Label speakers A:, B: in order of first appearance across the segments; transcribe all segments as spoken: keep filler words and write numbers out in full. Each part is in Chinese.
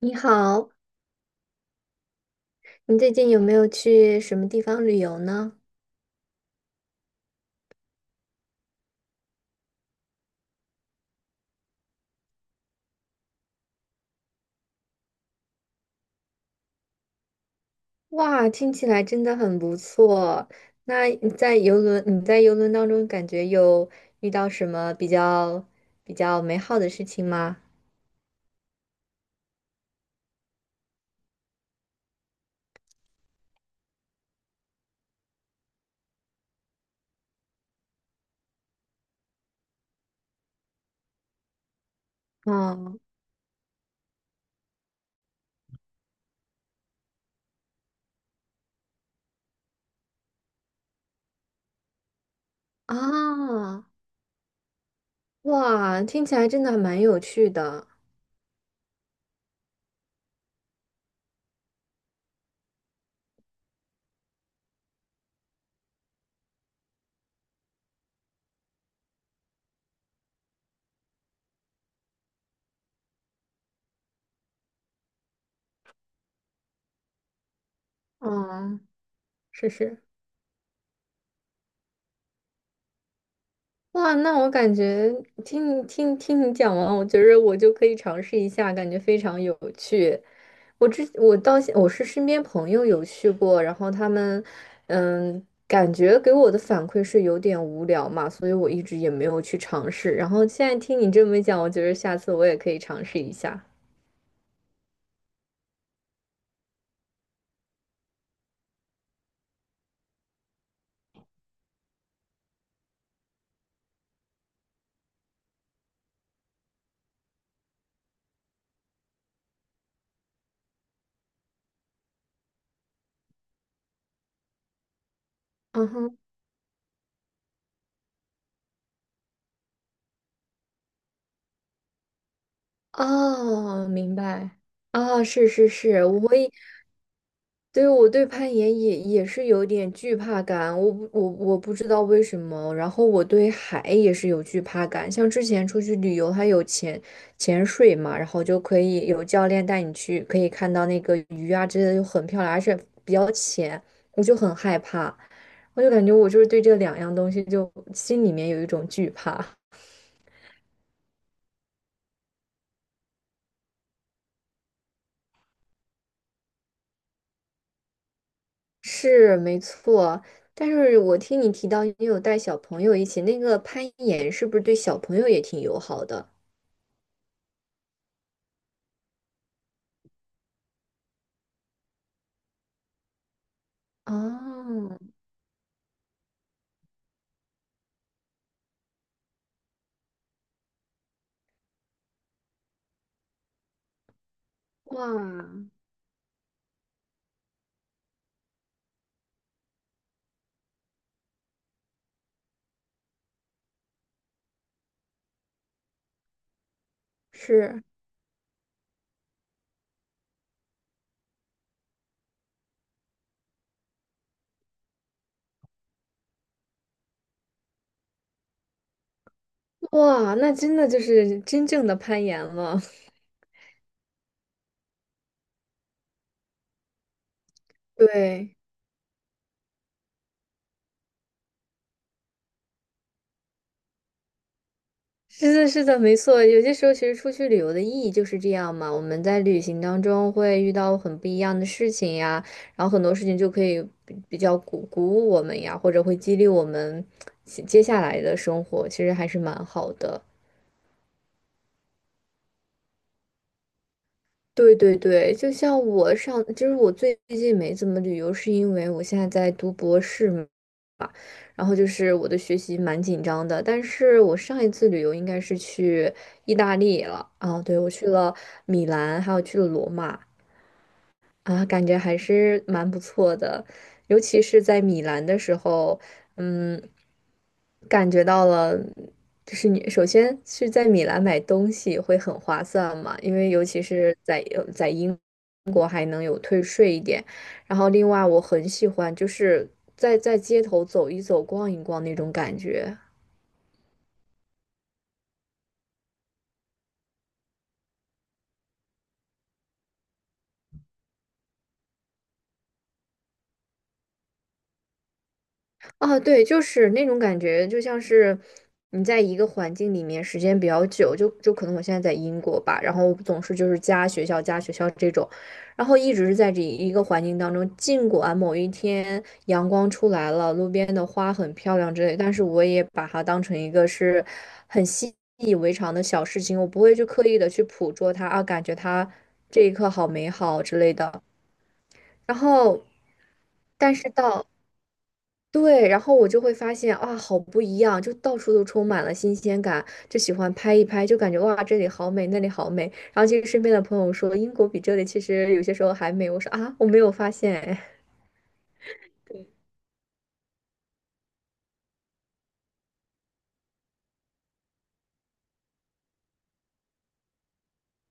A: 你好，你最近有没有去什么地方旅游呢？哇，听起来真的很不错。那你在游轮，你在游轮当中感觉有遇到什么比较比较美好的事情吗？哦啊，哇，听起来真的还蛮有趣的。嗯，是是。哇，那我感觉听你听听你讲完，我觉得我就可以尝试一下，感觉非常有趣。我之我到现我是身边朋友有去过，然后他们，嗯，感觉给我的反馈是有点无聊嘛，所以我一直也没有去尝试。然后现在听你这么一讲，我觉得下次我也可以尝试一下。嗯哼，哦，明白。啊，是是是，我也对，我对攀岩也也是有点惧怕感，我不我我不知道为什么。然后我对海也是有惧怕感，像之前出去旅游，它有潜潜水嘛，然后就可以有教练带你去，可以看到那个鱼啊之类的，就很漂亮，而且比较浅，我就很害怕，我就感觉我就是对这两样东西就心里面有一种惧怕。是，没错。但是我听你提到你有带小朋友一起，那个攀岩是不是对小朋友也挺友好的？哦，哇，是，哇，那真的就是真正的攀岩了。对，是的，是的，没错。有些时候，其实出去旅游的意义就是这样嘛。我们在旅行当中会遇到很不一样的事情呀，然后很多事情就可以比比较鼓鼓舞我们呀，或者会激励我们接接下来的生活，其实还是蛮好的。对对对，就像我上，就是我最近没怎么旅游，是因为我现在在读博士嘛。然后就是我的学习蛮紧张的，但是我上一次旅游应该是去意大利了啊，对，我去了米兰，还有去了罗马，啊，感觉还是蛮不错的，尤其是在米兰的时候，嗯，感觉到了，就是你首先是在米兰买东西会很划算嘛，因为尤其是在呃在英国还能有退税一点，然后另外我很喜欢就是在在街头走一走、逛一逛那种感觉。哦，对，就是那种感觉，就像是你在一个环境里面时间比较久，就就可能我现在在英国吧，然后总是就是家学校家学校这种，然后一直是在这一个环境当中，尽管某一天阳光出来了，路边的花很漂亮之类，但是我也把它当成一个是很习以为常的小事情，我不会去刻意的去捕捉它啊，感觉它这一刻好美好之类的，然后但是到。对，然后我就会发现哇，好不一样，就到处都充满了新鲜感，就喜欢拍一拍，就感觉哇，这里好美，那里好美。然后其实身边的朋友说，英国比这里其实有些时候还美，我说啊，我没有发现。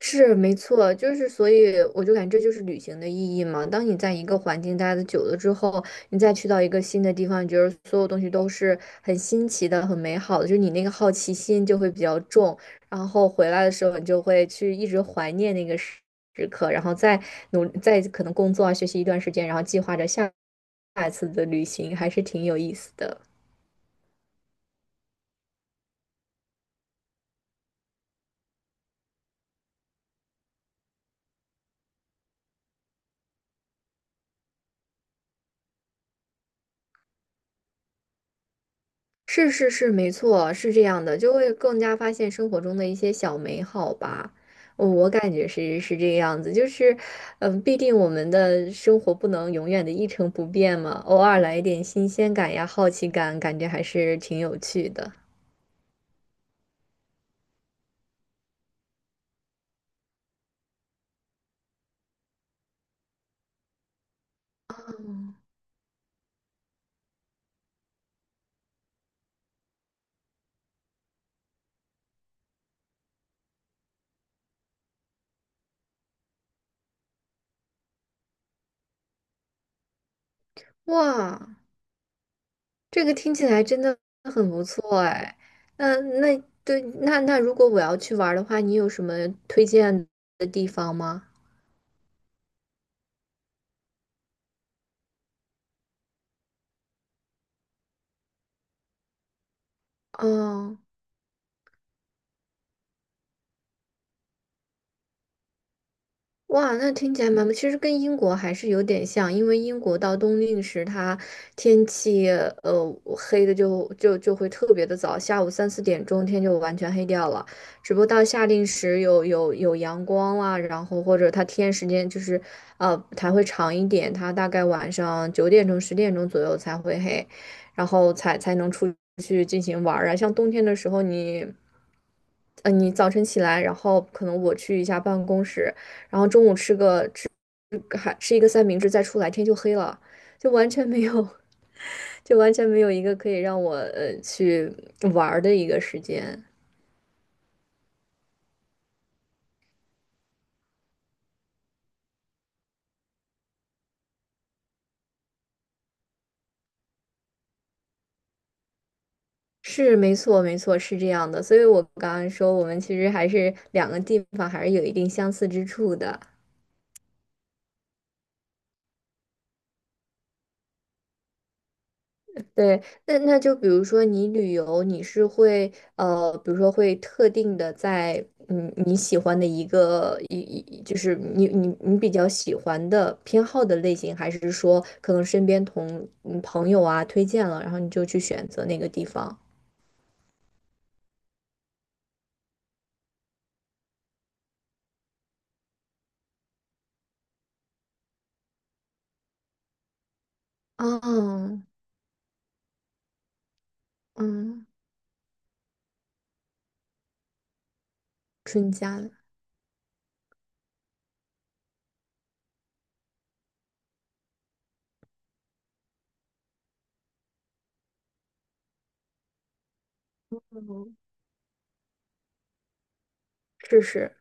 A: 是没错，就是所以我就感觉这就是旅行的意义嘛。当你在一个环境待的久了之后，你再去到一个新的地方，你觉得所有东西都是很新奇的、很美好的，就是你那个好奇心就会比较重，然后回来的时候你就会去一直怀念那个时时刻，然后再努再可能工作啊、学习一段时间，然后计划着下下一次的旅行，还是挺有意思的。是是是，没错，是这样的，就会更加发现生活中的一些小美好吧。我我感觉是是这个样子，就是，嗯，毕竟我们的生活不能永远的一成不变嘛，偶尔来一点新鲜感呀、好奇感，感觉还是挺有趣的。哇，这个听起来真的很不错哎。那那对，那那如果我要去玩儿的话，你有什么推荐的地方吗？嗯。哇，那听起来蛮不，其实跟英国还是有点像，因为英国到冬令时，它天气呃黑的就就就会特别的早，下午三四点钟天就完全黑掉了。只不过到夏令时有有有阳光啦，然后或者它天时间就是呃它会长一点，它大概晚上九点钟十点钟左右才会黑，然后才才能出去进行玩儿啊。像冬天的时候你。呃，你早晨起来，然后可能我去一下办公室，还吃一个三明治，再出来天就黑了，就完全没有，就完全没有一个可以让我呃去玩儿的一个时间。是，没错，没错，是这样的。所以我刚刚说，我们其实还是两个地方还是有一定相似之处的。对，那那就比如说你旅游，你是会呃，比如说会特定的在嗯你喜欢的一个一一就是你你你比较喜欢的偏好的类型，还是说可能身边同嗯朋友啊推荐了，然后你就去选择那个地方？啊嗯，春假的，嗯，是是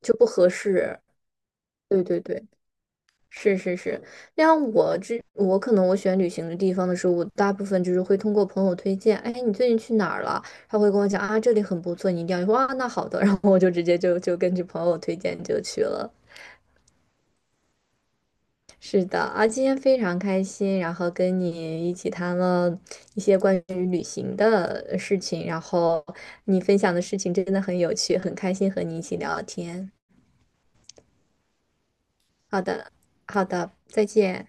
A: 就不合适，对对对。是是是，那样我之我可能我选旅行的地方的时候，我大部分就是会通过朋友推荐，哎，你最近去哪儿了？他会跟我讲啊，这里很不错，你一定要去。哇，啊那好的，然后我就直接就就根据朋友推荐就去了。是的啊，今天非常开心，然后跟你一起谈了一些关于旅行的呃事情，然后你分享的事情真的很有趣，很开心和你一起聊天。好的，好的，再见。